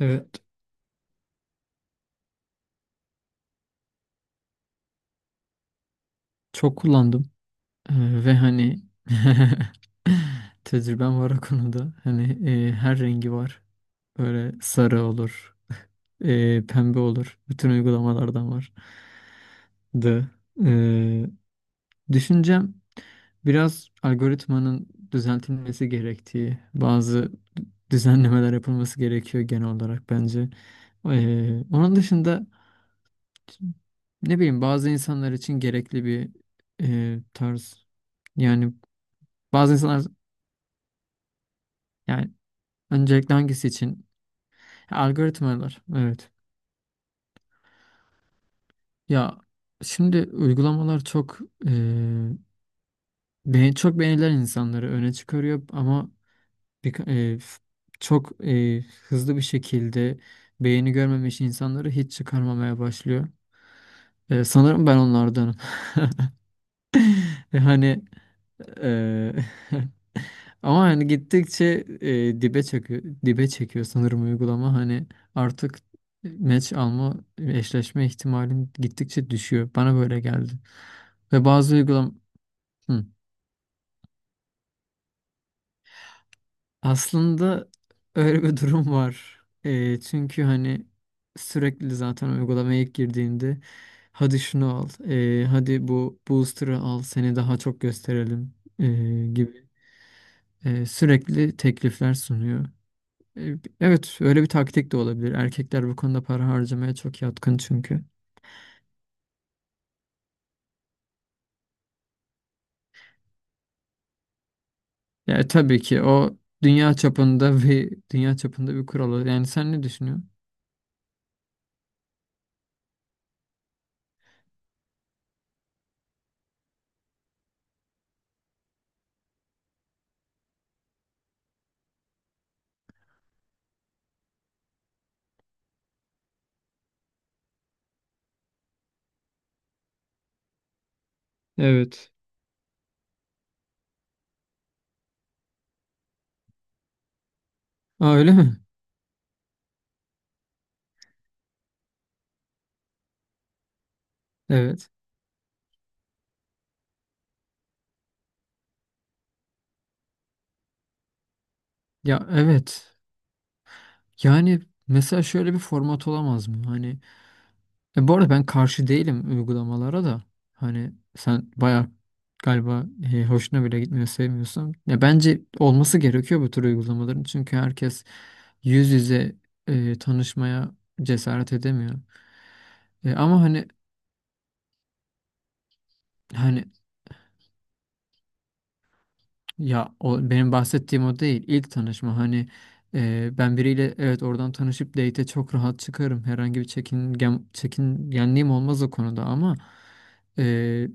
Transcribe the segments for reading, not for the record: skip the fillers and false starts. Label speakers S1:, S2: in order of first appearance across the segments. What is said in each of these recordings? S1: Evet, çok kullandım. Ee, ve hani tecrübem var o konuda. Hani her rengi var. Böyle sarı olur, pembe olur. Bütün uygulamalardan var. Da e, düşüncem biraz algoritmanın düzeltilmesi gerektiği, bazı düzenlemeler yapılması gerekiyor genel olarak bence. Onun dışında. Ne bileyim bazı insanlar için gerekli bir tarz. Yani bazı insanlar yani öncelikle hangisi için? Ha, algoritmalar evet. Ya şimdi uygulamalar çok e, çok beğenilen insanları öne çıkarıyor ama bir, çok hızlı bir şekilde beğeni görmemiş insanları hiç çıkarmamaya başlıyor. Sanırım ben onlardanım. Ve hani e, ama hani gittikçe dibe çekiyor, dibe çekiyor sanırım uygulama. Hani artık maç alma, eşleşme ihtimalin gittikçe düşüyor. Bana böyle geldi. Ve bazı uygulam. Hı. Aslında öyle bir durum var. Çünkü hani sürekli zaten uygulamaya ilk girdiğinde hadi şunu al, hadi bu booster'ı al, seni daha çok gösterelim e, gibi sürekli teklifler sunuyor. E, Evet, öyle bir taktik de olabilir. Erkekler bu konuda para harcamaya çok yatkın çünkü. Yani tabii ki o dünya çapında bir dünya çapında bir kural. Yani sen ne düşünüyorsun? Evet. Aa, öyle mi? Evet. Ya evet. Yani mesela şöyle bir format olamaz mı? Hani bu arada ben karşı değilim uygulamalara da. Hani sen bayağı galiba hoşuna bile gitmiyor, sevmiyorsan. Ya bence olması gerekiyor bu tür uygulamaların. Çünkü herkes yüz yüze tanışmaya cesaret edemiyor. Ama hani ya o benim bahsettiğim o değil. İlk tanışma hani ben biriyle evet oradan tanışıp date'e çok rahat çıkarım. Herhangi bir çekingen, çekingenliğim olmaz o konuda ama e,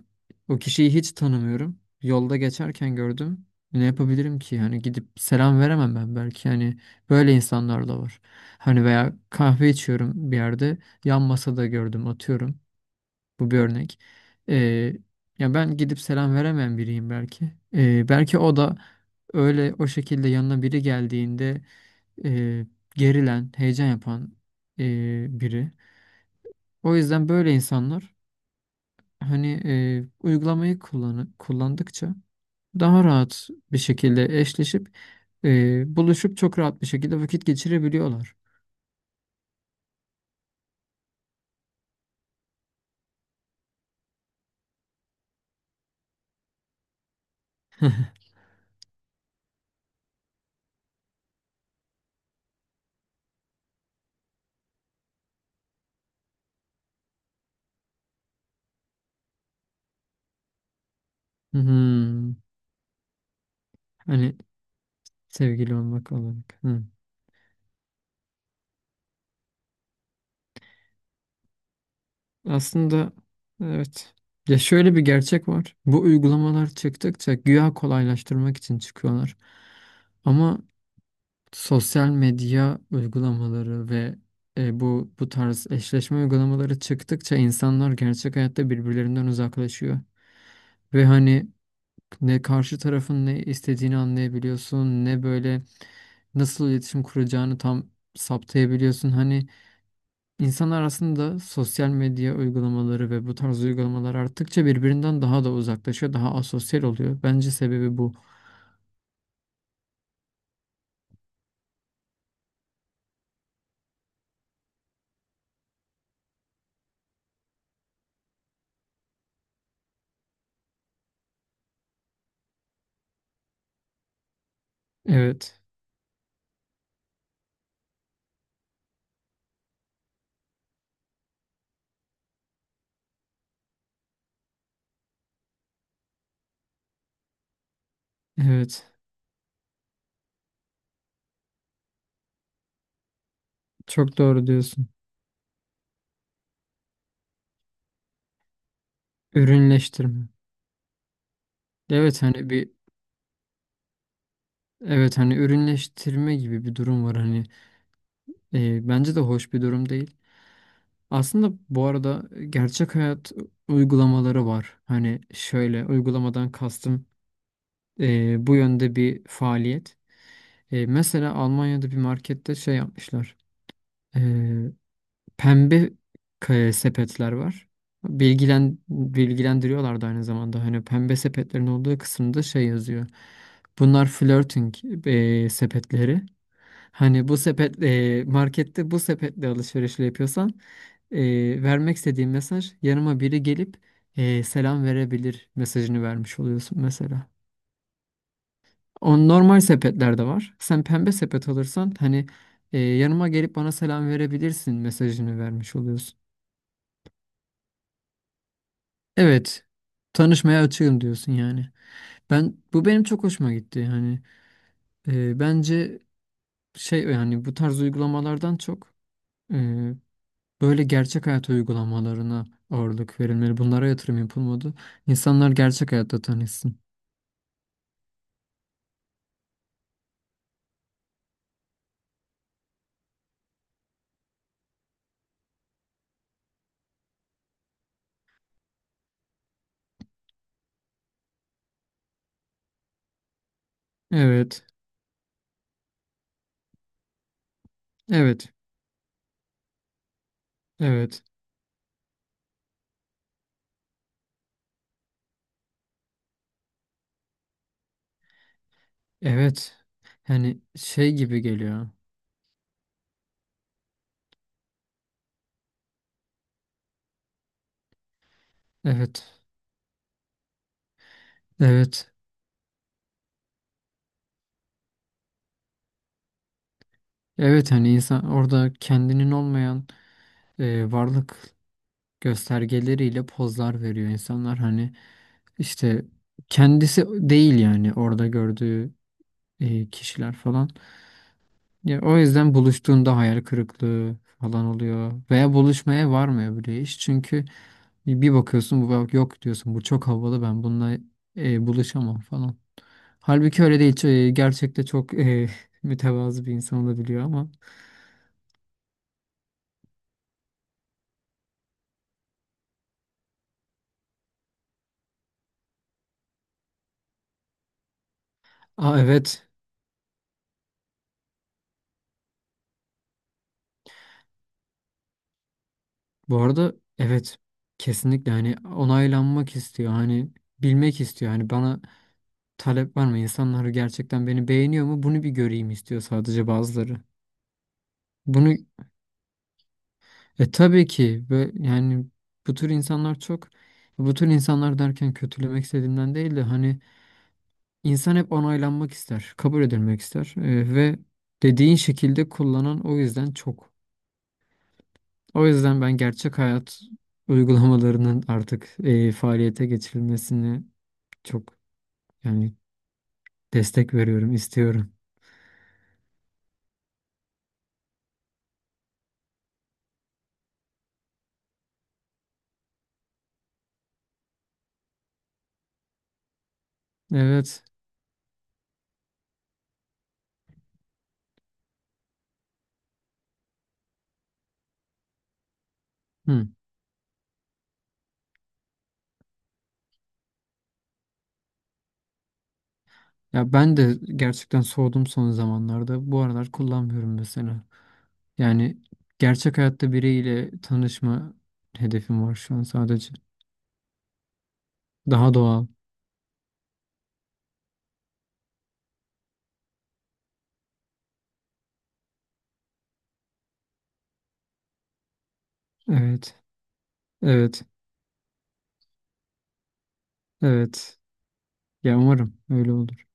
S1: o kişiyi hiç tanımıyorum. Yolda geçerken gördüm. Ne yapabilirim ki? Hani gidip selam veremem ben belki. Hani böyle insanlar da var. Hani veya kahve içiyorum bir yerde. Yan masada gördüm atıyorum. Bu bir örnek. Ee, ya ben gidip selam veremeyen biriyim belki. Belki o da öyle o şekilde yanına biri geldiğinde e, gerilen, heyecan yapan biri. O yüzden böyle insanlar hani kullandıkça daha rahat bir şekilde eşleşip buluşup çok rahat bir şekilde vakit geçirebiliyorlar. Hmm, hani sevgili olmak olarak. Hı. Aslında evet. Ya şöyle bir gerçek var. Bu uygulamalar çıktıkça güya kolaylaştırmak için çıkıyorlar. Ama sosyal medya uygulamaları ve bu tarz eşleşme uygulamaları çıktıkça insanlar gerçek hayatta birbirlerinden uzaklaşıyor. Ve hani ne karşı tarafın ne istediğini anlayabiliyorsun, ne böyle nasıl iletişim kuracağını tam saptayabiliyorsun. Hani İnsanlar aslında sosyal medya uygulamaları ve bu tarz uygulamalar arttıkça birbirinden daha da uzaklaşıyor, daha asosyal oluyor. Bence sebebi bu. Evet, evet. Çok doğru diyorsun. Ürünleştirme. Evet hani bir evet hani ürünleştirme gibi bir durum var hani bence de hoş bir durum değil. Aslında bu arada gerçek hayat uygulamaları var. Hani şöyle uygulamadan kastım bu yönde bir faaliyet. Mesela Almanya'da bir markette şey yapmışlar. Ee, pembe sepetler var. Bilgilendiriyorlar da aynı zamanda. Hani pembe sepetlerin olduğu kısımda şey yazıyor. Bunlar flirting sepetleri. Hani bu sepet markette bu sepetle alışverişle yapıyorsan vermek istediğin mesaj yanıma biri gelip selam verebilir mesajını vermiş oluyorsun mesela. On normal sepetler de var. Sen pembe sepet alırsan hani yanıma gelip bana selam verebilirsin mesajını vermiş oluyorsun. Evet. Tanışmaya açığım diyorsun yani. Ben bu benim çok hoşuma gitti. Hani bence şey yani bu tarz uygulamalardan çok e, böyle gerçek hayat uygulamalarına ağırlık verilmeli. Bunlara yatırım yapılmadı. İnsanlar gerçek hayatta tanışsın. Evet. Evet. Evet. Evet. Yani şey gibi geliyor. Evet. Evet. Evet hani insan orada kendinin olmayan varlık göstergeleriyle pozlar veriyor insanlar hani işte kendisi değil yani orada gördüğü kişiler falan. Ya o yüzden buluştuğunda hayal kırıklığı falan oluyor veya buluşmaya varmıyor bile iş. Çünkü bir bakıyorsun bu bak yok diyorsun bu çok havalı ben bununla buluşamam falan. Halbuki öyle değil. Gerçekte çok mütevazı bir insan olabiliyor ama. Aa evet. Bu arada evet kesinlikle hani onaylanmak istiyor hani bilmek istiyor hani bana talep var mı insanlar gerçekten beni beğeniyor mu bunu bir göreyim istiyor sadece bazıları. Bunu tabii ki ve yani bu tür insanlar çok bu tür insanlar derken kötülemek istediğimden değil de hani insan hep onaylanmak ister kabul edilmek ister. Ve dediğin şekilde kullanan o yüzden çok. O yüzden ben gerçek hayat uygulamalarının artık faaliyete geçirilmesini çok yani destek veriyorum, istiyorum. Evet. Hı. Ya ben de gerçekten soğudum son zamanlarda. Bu aralar kullanmıyorum mesela. Yani gerçek hayatta biriyle tanışma hedefim var şu an sadece. Daha doğal. Evet. Evet. Evet. Ya umarım öyle olur.